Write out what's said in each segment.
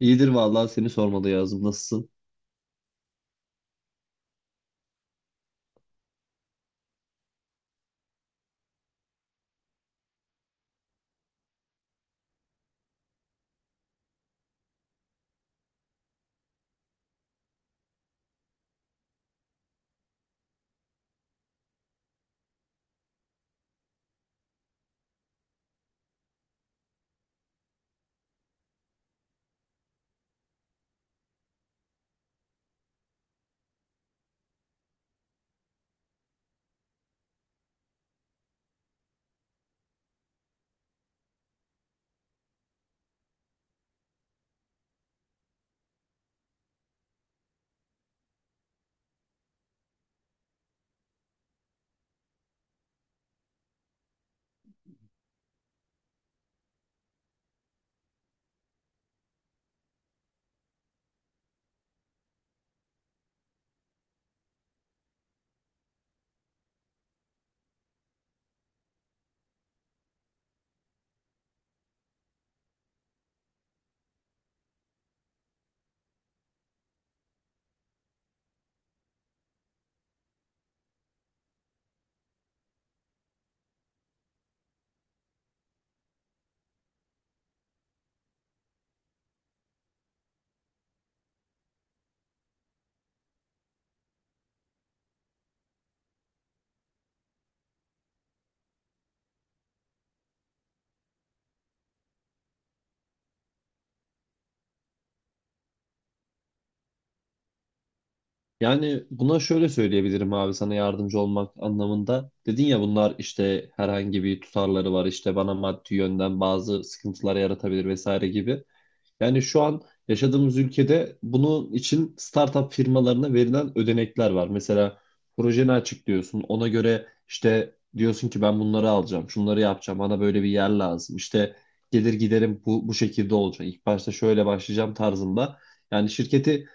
İyidir vallahi seni sormalı yazdım. Nasılsın? Yani buna şöyle söyleyebilirim abi sana yardımcı olmak anlamında. Dedin ya bunlar işte herhangi bir tutarları var işte bana maddi yönden bazı sıkıntılar yaratabilir vesaire gibi. Yani şu an yaşadığımız ülkede bunun için startup firmalarına verilen ödenekler var. Mesela projeni açıklıyorsun. Ona göre işte diyorsun ki ben bunları alacağım, şunları yapacağım. Bana böyle bir yer lazım. İşte gelir giderim bu şekilde olacak. İlk başta şöyle başlayacağım tarzında. Yani şirketi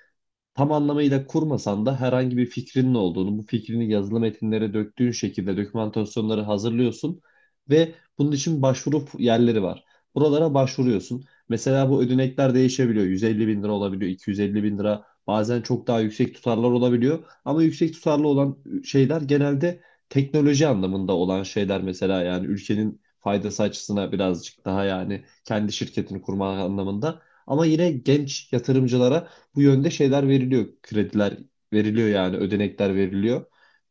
tam anlamıyla kurmasan da herhangi bir fikrinin olduğunu, bu fikrini yazılı metinlere döktüğün şekilde dokümantasyonları hazırlıyorsun ve bunun için başvuru yerleri var. Buralara başvuruyorsun. Mesela bu ödenekler değişebiliyor. 150 bin lira olabiliyor, 250 bin lira. Bazen çok daha yüksek tutarlar olabiliyor. Ama yüksek tutarlı olan şeyler genelde teknoloji anlamında olan şeyler mesela yani ülkenin faydası açısına birazcık daha yani kendi şirketini kurma anlamında. Ama yine genç yatırımcılara bu yönde şeyler veriliyor. Krediler veriliyor yani ödenekler veriliyor.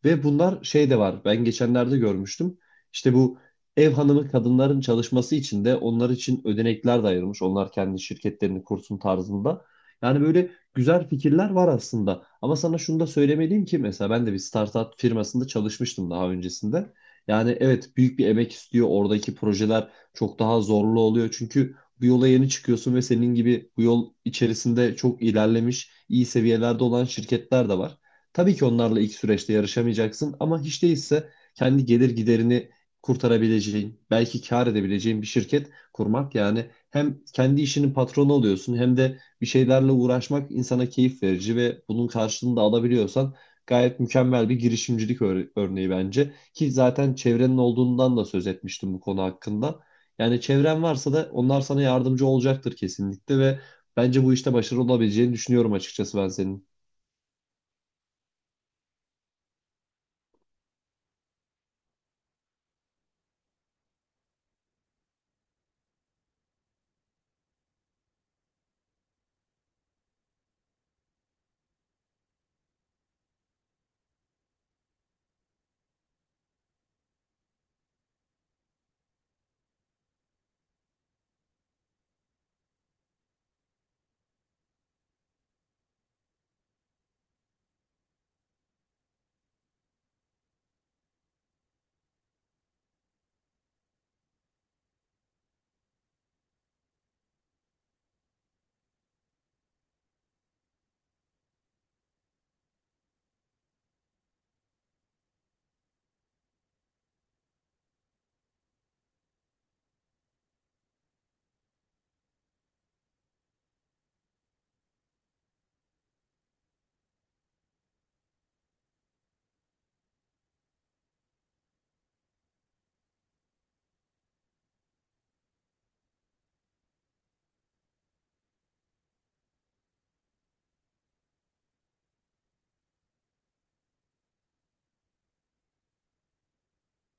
Ve bunlar şey de var. Ben geçenlerde görmüştüm. İşte bu ev hanımı kadınların çalışması için de onlar için ödenekler de ayırmış. Onlar kendi şirketlerini kursun tarzında. Yani böyle güzel fikirler var aslında. Ama sana şunu da söylemeliyim ki mesela ben de bir startup firmasında çalışmıştım daha öncesinde. Yani evet büyük bir emek istiyor. Oradaki projeler çok daha zorlu oluyor. Çünkü bu yola yeni çıkıyorsun ve senin gibi bu yol içerisinde çok ilerlemiş, iyi seviyelerde olan şirketler de var. Tabii ki onlarla ilk süreçte yarışamayacaksın ama hiç değilse kendi gelir giderini kurtarabileceğin, belki kar edebileceğin bir şirket kurmak yani hem kendi işinin patronu oluyorsun hem de bir şeylerle uğraşmak insana keyif verici ve bunun karşılığını da alabiliyorsan gayet mükemmel bir girişimcilik örneği bence ki zaten çevrenin olduğundan da söz etmiştim bu konu hakkında. Yani çevren varsa da onlar sana yardımcı olacaktır kesinlikle ve bence bu işte başarılı olabileceğini düşünüyorum açıkçası ben senin.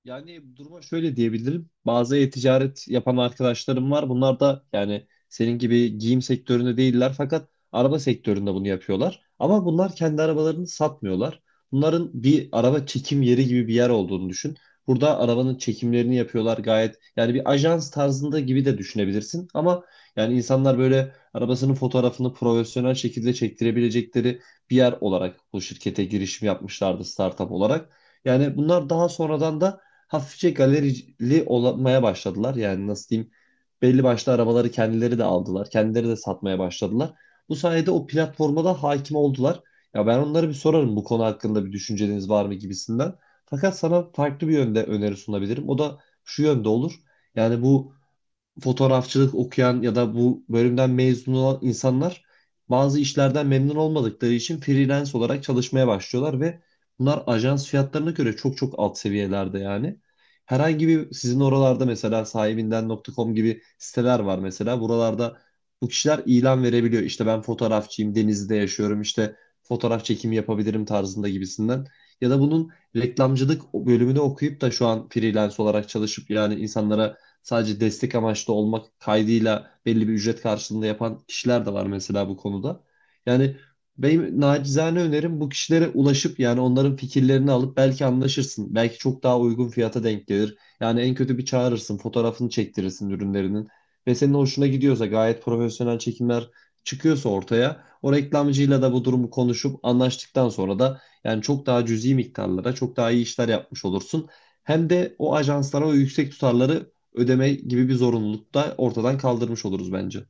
Yani duruma şöyle diyebilirim. Bazı e-ticaret yapan arkadaşlarım var. Bunlar da yani senin gibi giyim sektöründe değiller fakat araba sektöründe bunu yapıyorlar. Ama bunlar kendi arabalarını satmıyorlar. Bunların bir araba çekim yeri gibi bir yer olduğunu düşün. Burada arabanın çekimlerini yapıyorlar gayet. Yani bir ajans tarzında gibi de düşünebilirsin. Ama yani insanlar böyle arabasının fotoğrafını profesyonel şekilde çektirebilecekleri bir yer olarak bu şirkete girişim yapmışlardı startup olarak. Yani bunlar daha sonradan da hafifçe galerili olmaya başladılar. Yani nasıl diyeyim belli başlı arabaları kendileri de aldılar. Kendileri de satmaya başladılar. Bu sayede o platforma da hakim oldular. Ya ben onlara bir sorarım bu konu hakkında bir düşünceniz var mı gibisinden. Fakat sana farklı bir yönde öneri sunabilirim. O da şu yönde olur. Yani bu fotoğrafçılık okuyan ya da bu bölümden mezun olan insanlar bazı işlerden memnun olmadıkları için freelance olarak çalışmaya başlıyorlar ve bunlar ajans fiyatlarına göre çok çok alt seviyelerde yani. Herhangi bir sizin oralarda mesela sahibinden.com gibi siteler var mesela. Buralarda bu kişiler ilan verebiliyor. İşte ben fotoğrafçıyım, Denizli'de yaşıyorum, işte fotoğraf çekimi yapabilirim tarzında gibisinden. Ya da bunun reklamcılık bölümünü okuyup da şu an freelance olarak çalışıp yani insanlara sadece destek amaçlı olmak kaydıyla belli bir ücret karşılığında yapan kişiler de var mesela bu konuda. Yani benim nacizane önerim bu kişilere ulaşıp yani onların fikirlerini alıp belki anlaşırsın. Belki çok daha uygun fiyata denk gelir. Yani en kötü bir çağırırsın, fotoğrafını çektirirsin ürünlerinin. Ve senin hoşuna gidiyorsa gayet profesyonel çekimler çıkıyorsa ortaya o reklamcıyla da bu durumu konuşup anlaştıktan sonra da yani çok daha cüzi miktarlara çok daha iyi işler yapmış olursun. Hem de o ajanslara o yüksek tutarları ödeme gibi bir zorunluluk da ortadan kaldırmış oluruz bence.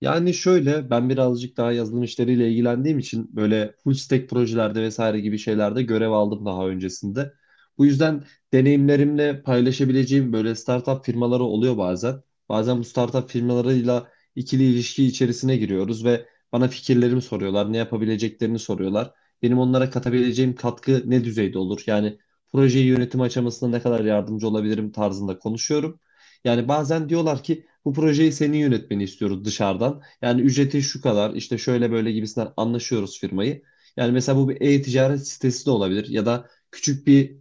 Yani şöyle ben birazcık daha yazılım işleriyle ilgilendiğim için böyle full stack projelerde vesaire gibi şeylerde görev aldım daha öncesinde. Bu yüzden deneyimlerimle paylaşabileceğim böyle startup firmaları oluyor bazen. Bazen bu startup firmalarıyla ikili ilişki içerisine giriyoruz ve bana fikirlerimi soruyorlar, ne yapabileceklerini soruyorlar. Benim onlara katabileceğim katkı ne düzeyde olur? Yani projeyi yönetim aşamasında ne kadar yardımcı olabilirim tarzında konuşuyorum. Yani bazen diyorlar ki bu projeyi senin yönetmeni istiyoruz dışarıdan. Yani ücreti şu kadar işte şöyle böyle gibisinden anlaşıyoruz firmayı. Yani mesela bu bir e-ticaret sitesi de olabilir ya da küçük bir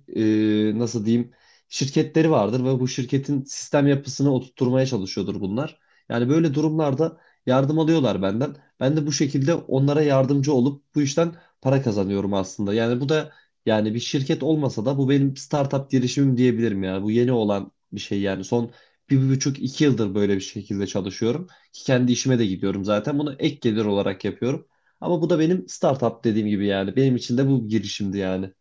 nasıl diyeyim şirketleri vardır ve bu şirketin sistem yapısını oturtmaya çalışıyordur bunlar. Yani böyle durumlarda yardım alıyorlar benden. Ben de bu şekilde onlara yardımcı olup bu işten para kazanıyorum aslında. Yani bu da yani bir şirket olmasa da bu benim startup girişimim diyebilirim ya. Bu yeni olan bir şey yani. Son bir, bir buçuk iki yıldır böyle bir şekilde çalışıyorum. Ki kendi işime de gidiyorum zaten. Bunu ek gelir olarak yapıyorum. Ama bu da benim startup dediğim gibi yani. Benim için de bu bir girişimdi yani.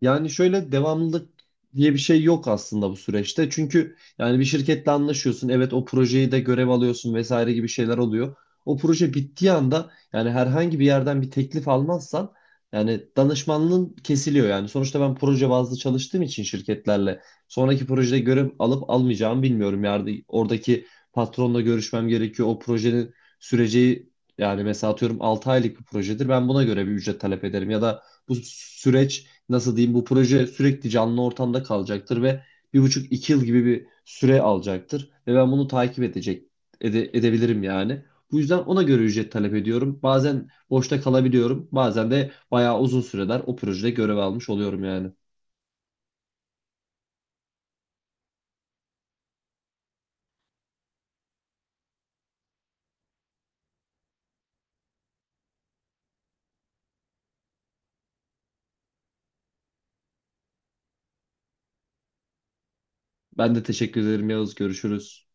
Yani şöyle devamlılık diye bir şey yok aslında bu süreçte. Çünkü yani bir şirketle anlaşıyorsun. Evet o projeyi de görev alıyorsun vesaire gibi şeyler oluyor. O proje bittiği anda yani herhangi bir yerden bir teklif almazsan yani danışmanlığın kesiliyor yani. Sonuçta ben proje bazlı çalıştığım için şirketlerle sonraki projede görev alıp almayacağımı bilmiyorum. Yani oradaki patronla görüşmem gerekiyor. O projenin süreci yani mesela atıyorum 6 aylık bir projedir. Ben buna göre bir ücret talep ederim ya da bu süreç nasıl diyeyim bu proje sürekli canlı ortamda kalacaktır ve bir buçuk iki yıl gibi bir süre alacaktır ve ben bunu takip edecek edebilirim yani. Bu yüzden ona göre ücret talep ediyorum. Bazen boşta kalabiliyorum. Bazen de bayağı uzun süreler o projede görev almış oluyorum yani. Ben de teşekkür ederim Yavuz. Görüşürüz.